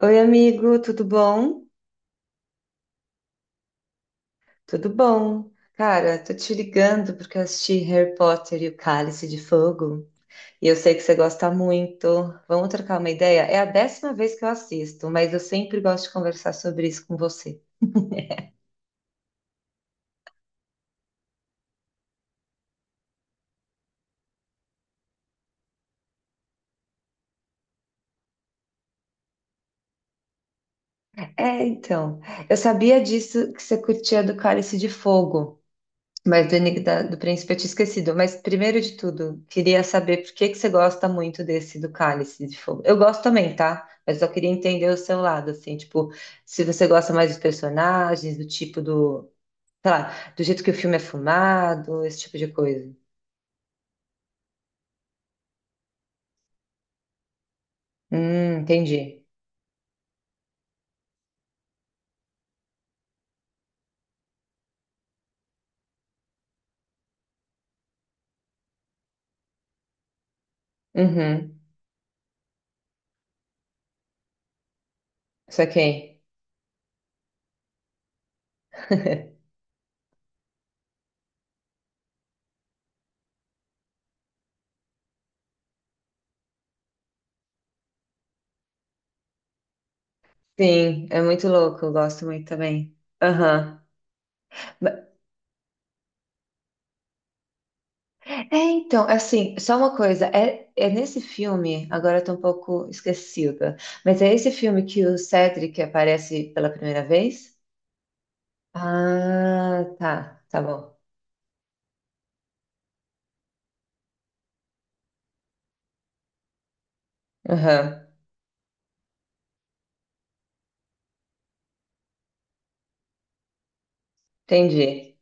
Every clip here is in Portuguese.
Oi, amigo, tudo bom? Tudo bom. Cara, tô te ligando porque eu assisti Harry Potter e o Cálice de Fogo e eu sei que você gosta muito. Vamos trocar uma ideia? É a 10ª vez que eu assisto, mas eu sempre gosto de conversar sobre isso com você. É, então, eu sabia disso que você curtia do Cálice de Fogo. Mas do Enigma do Príncipe eu tinha esquecido. Mas primeiro de tudo, queria saber por que que você gosta muito desse do Cálice de Fogo. Eu gosto também, tá? Mas eu queria entender o seu lado, assim, tipo, se você gosta mais dos personagens, do tipo do, sei lá, do jeito que o filme é filmado, esse tipo de coisa. Entendi. Uhum, saquei. Sim, é muito louco, eu gosto muito também. Aham. É, então, assim, só uma coisa, é nesse filme, agora eu tô um pouco esquecida, mas é esse filme que o Cedric aparece pela primeira vez? Ah, tá, tá bom. Aham, entendi.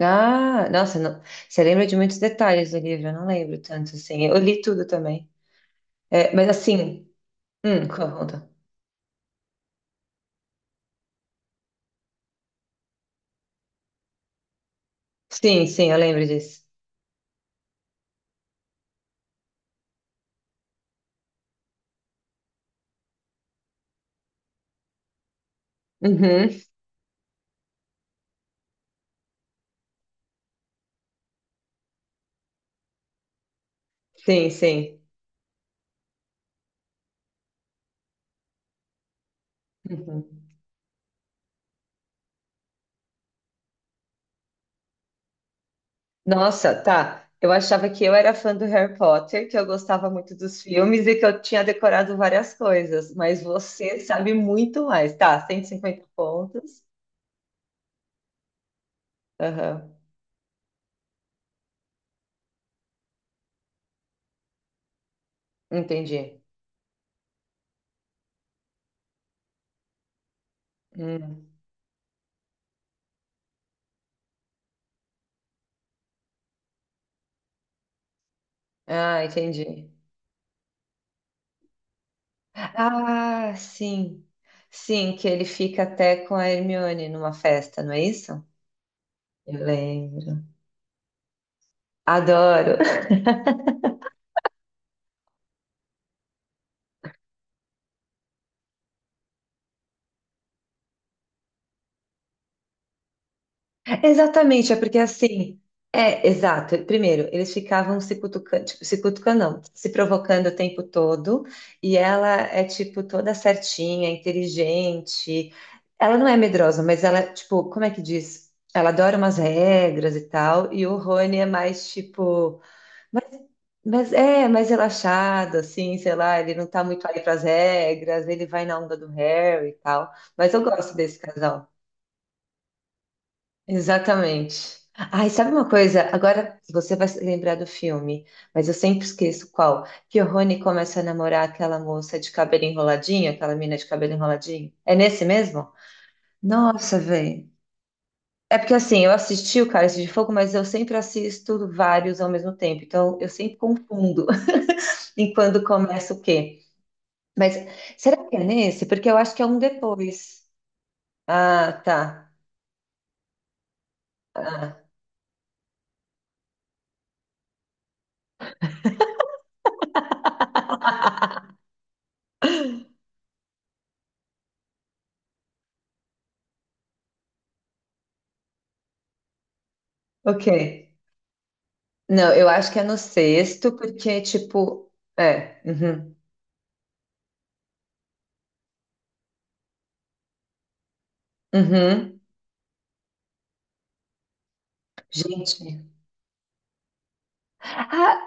Ah, nossa, você lembra de muitos detalhes do livro, eu não lembro tanto assim, eu li tudo também. É, mas assim, conta. Sim, sim, eu lembro disso. Uhum, sim, sim. Uhum. Nossa, tá. Eu achava que eu era fã do Harry Potter, que eu gostava muito dos filmes e que eu tinha decorado várias coisas, mas você sabe muito mais. Tá, 150 pontos. Aham, entendi. Hum. Ah, entendi. Ah, sim. Sim, que ele fica até com a Hermione numa festa, não é isso? Eu lembro. Adoro. Exatamente, é porque assim. É, exato. Primeiro, eles ficavam se cutucando, tipo, se cutucando, não, se provocando o tempo todo, e ela é, tipo, toda certinha, inteligente. Ela não é medrosa, mas ela, tipo, como é que diz? Ela adora umas regras e tal, e o Rony é mais, tipo, mais, mas é mais relaxado, assim, sei lá, ele não tá muito aí pras regras, ele vai na onda do Harry e tal. Mas eu gosto desse casal. Exatamente. Ai, sabe uma coisa? Agora você vai se lembrar do filme, mas eu sempre esqueço qual. Que o Rony começa a namorar aquela moça de cabelo enroladinho, aquela mina de cabelo enroladinho. É nesse mesmo? Nossa, velho. É porque assim, eu assisti o Cálice de Fogo, mas eu sempre assisto vários ao mesmo tempo, então eu sempre confundo em quando começa o quê. Mas será que é nesse? Porque eu acho que é um depois. Ah, tá. Ah. Ok. Não, eu acho que é no sexto, porque, tipo, é. Uhum, uhum. Gente. Ah,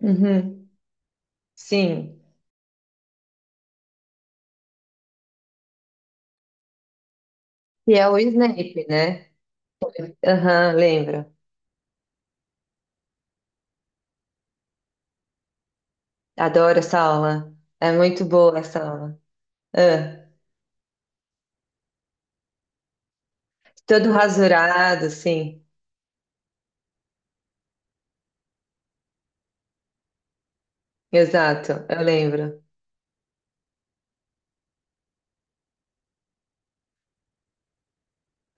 uhum, sim. E é o Snape, né? Aham, lembro. Adoro essa aula. É muito boa essa aula. Ah, todo rasurado, sim. Exato, eu lembro.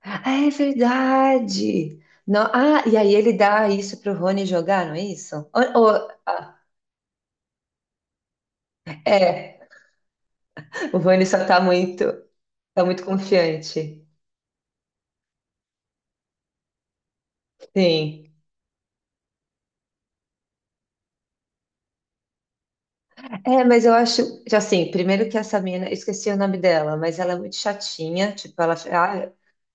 Ah, é verdade. Ah, e aí ele dá isso pro Rony jogar, não é isso? Ah, é, o Rony só tá muito, tá muito confiante. Sim. É, mas eu acho, já assim, primeiro que essa mina, eu esqueci o nome dela, mas ela é muito chatinha, tipo, ela ah, é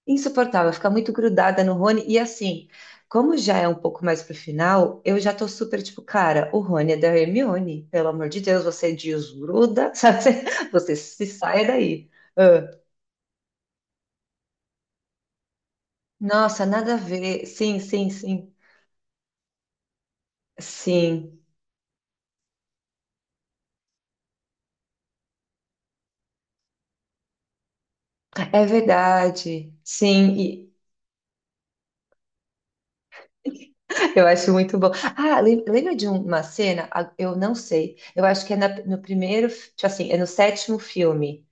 insuportável, fica muito grudada no Rony, e assim, como já é um pouco mais pro final, eu já tô super, tipo, cara, o Rony é da Hermione, pelo amor de Deus, você desgruda, sabe? Você se saia daí. Ah, nossa, nada a ver, sim, sim, sim, sim, é verdade, sim, eu acho muito bom. Ah, lembra de uma cena? Ah, eu não sei. Eu acho que é no primeiro, tipo assim, é no sétimo filme,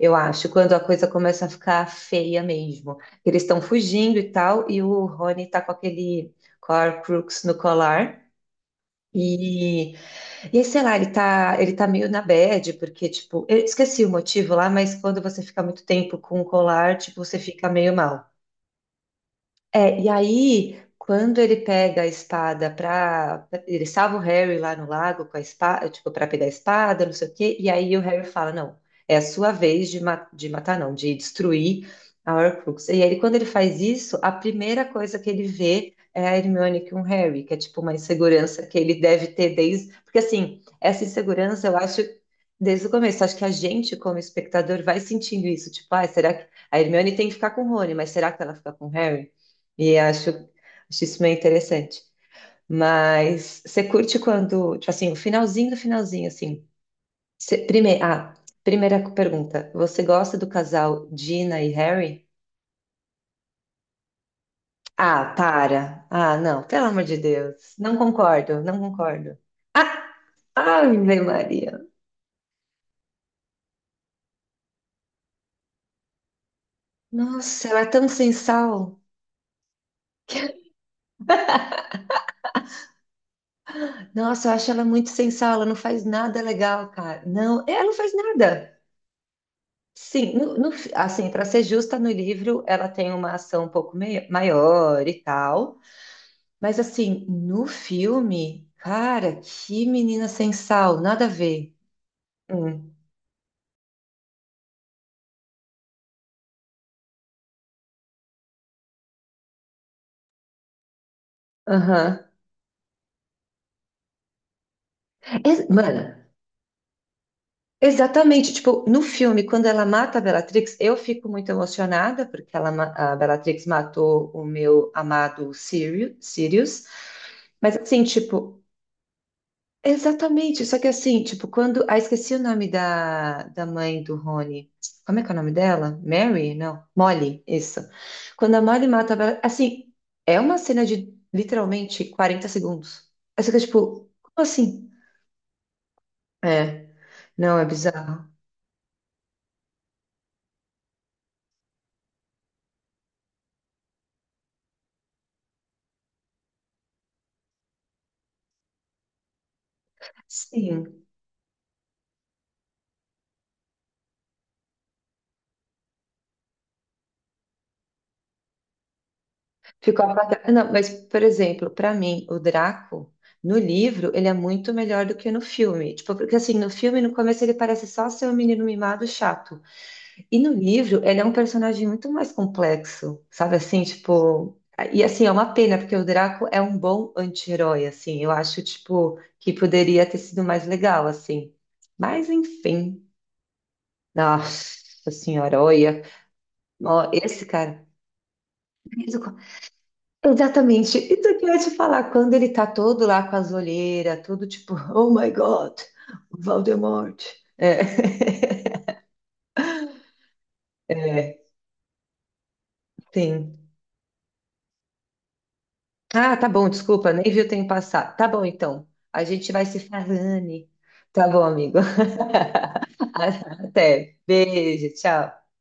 eu acho, quando a coisa começa a ficar feia mesmo. Eles estão fugindo e tal, e o Rony tá com aquele Horcrux no colar. E, e aí, sei lá, ele tá meio na bad, porque, tipo, eu esqueci o motivo lá, mas quando você fica muito tempo com o colar, tipo, você fica meio mal. É, e aí, quando ele pega a espada para. Ele salva o Harry lá no lago com a espada, tipo, para pegar a espada, não sei o quê. E aí o Harry fala: não, é a sua vez de, de matar, não, de destruir a Horcrux. E aí, quando ele faz isso, a primeira coisa que ele vê é a Hermione com o Harry, que é tipo uma insegurança que ele deve ter desde. Porque assim, essa insegurança eu acho. Desde o começo, acho que a gente, como espectador, vai sentindo isso. Tipo, ah, será que a Hermione tem que ficar com o Rony, mas será que ela fica com o Harry? E acho isso meio interessante. Mas você curte quando, tipo assim, o finalzinho do finalzinho, assim. Primeiro, ah, primeira pergunta. Você gosta do casal Gina e Harry? Ah, para. Ah, não, pelo amor de Deus. Não concordo, não concordo. Ah, Ave Maria. Nossa, ela é tão sem sal. Nossa, eu acho ela muito sem sal. Ela não faz nada legal, cara. Não, ela não faz nada. Sim, no- no fi- assim, para ser justa, no livro ela tem uma ação um pouco maior e tal, mas assim, no filme, cara, que menina sem sal, nada a ver. Hum, aham. Mano, exatamente, tipo, no filme, quando ela mata a Bellatrix, eu fico muito emocionada, porque ela, a Bellatrix matou o meu amado Sirius, mas assim, tipo, exatamente, só que assim, tipo, quando. Ah, esqueci o nome da, da mãe do Rony. Como é que é o nome dela? Mary? Não, Molly, isso. Quando a Molly mata. Assim, é uma cena de literalmente 40 segundos. Aí você fica tipo, como assim? É, não, é bizarro. Sim, ficou apagado. Não, mas, por exemplo, pra mim, o Draco, no livro, ele é muito melhor do que no filme. Tipo, porque assim, no filme, no começo, ele parece só ser um menino mimado chato. E no livro, ele é um personagem muito mais complexo, sabe assim, tipo, e assim, é uma pena, porque o Draco é um bom anti-herói, assim, eu acho, tipo, que poderia ter sido mais legal, assim. Mas, enfim, nossa senhora, olha, ó, esse cara, exatamente, isso que eu ia te falar, quando ele tá todo lá com as olheiras, todo tipo, oh my God, Voldemort, é, é, sim. Ah, tá bom, desculpa, nem vi o tempo passar. Tá bom, então. A gente vai se falando. Tá bom, amigo. Até. Beijo, tchau.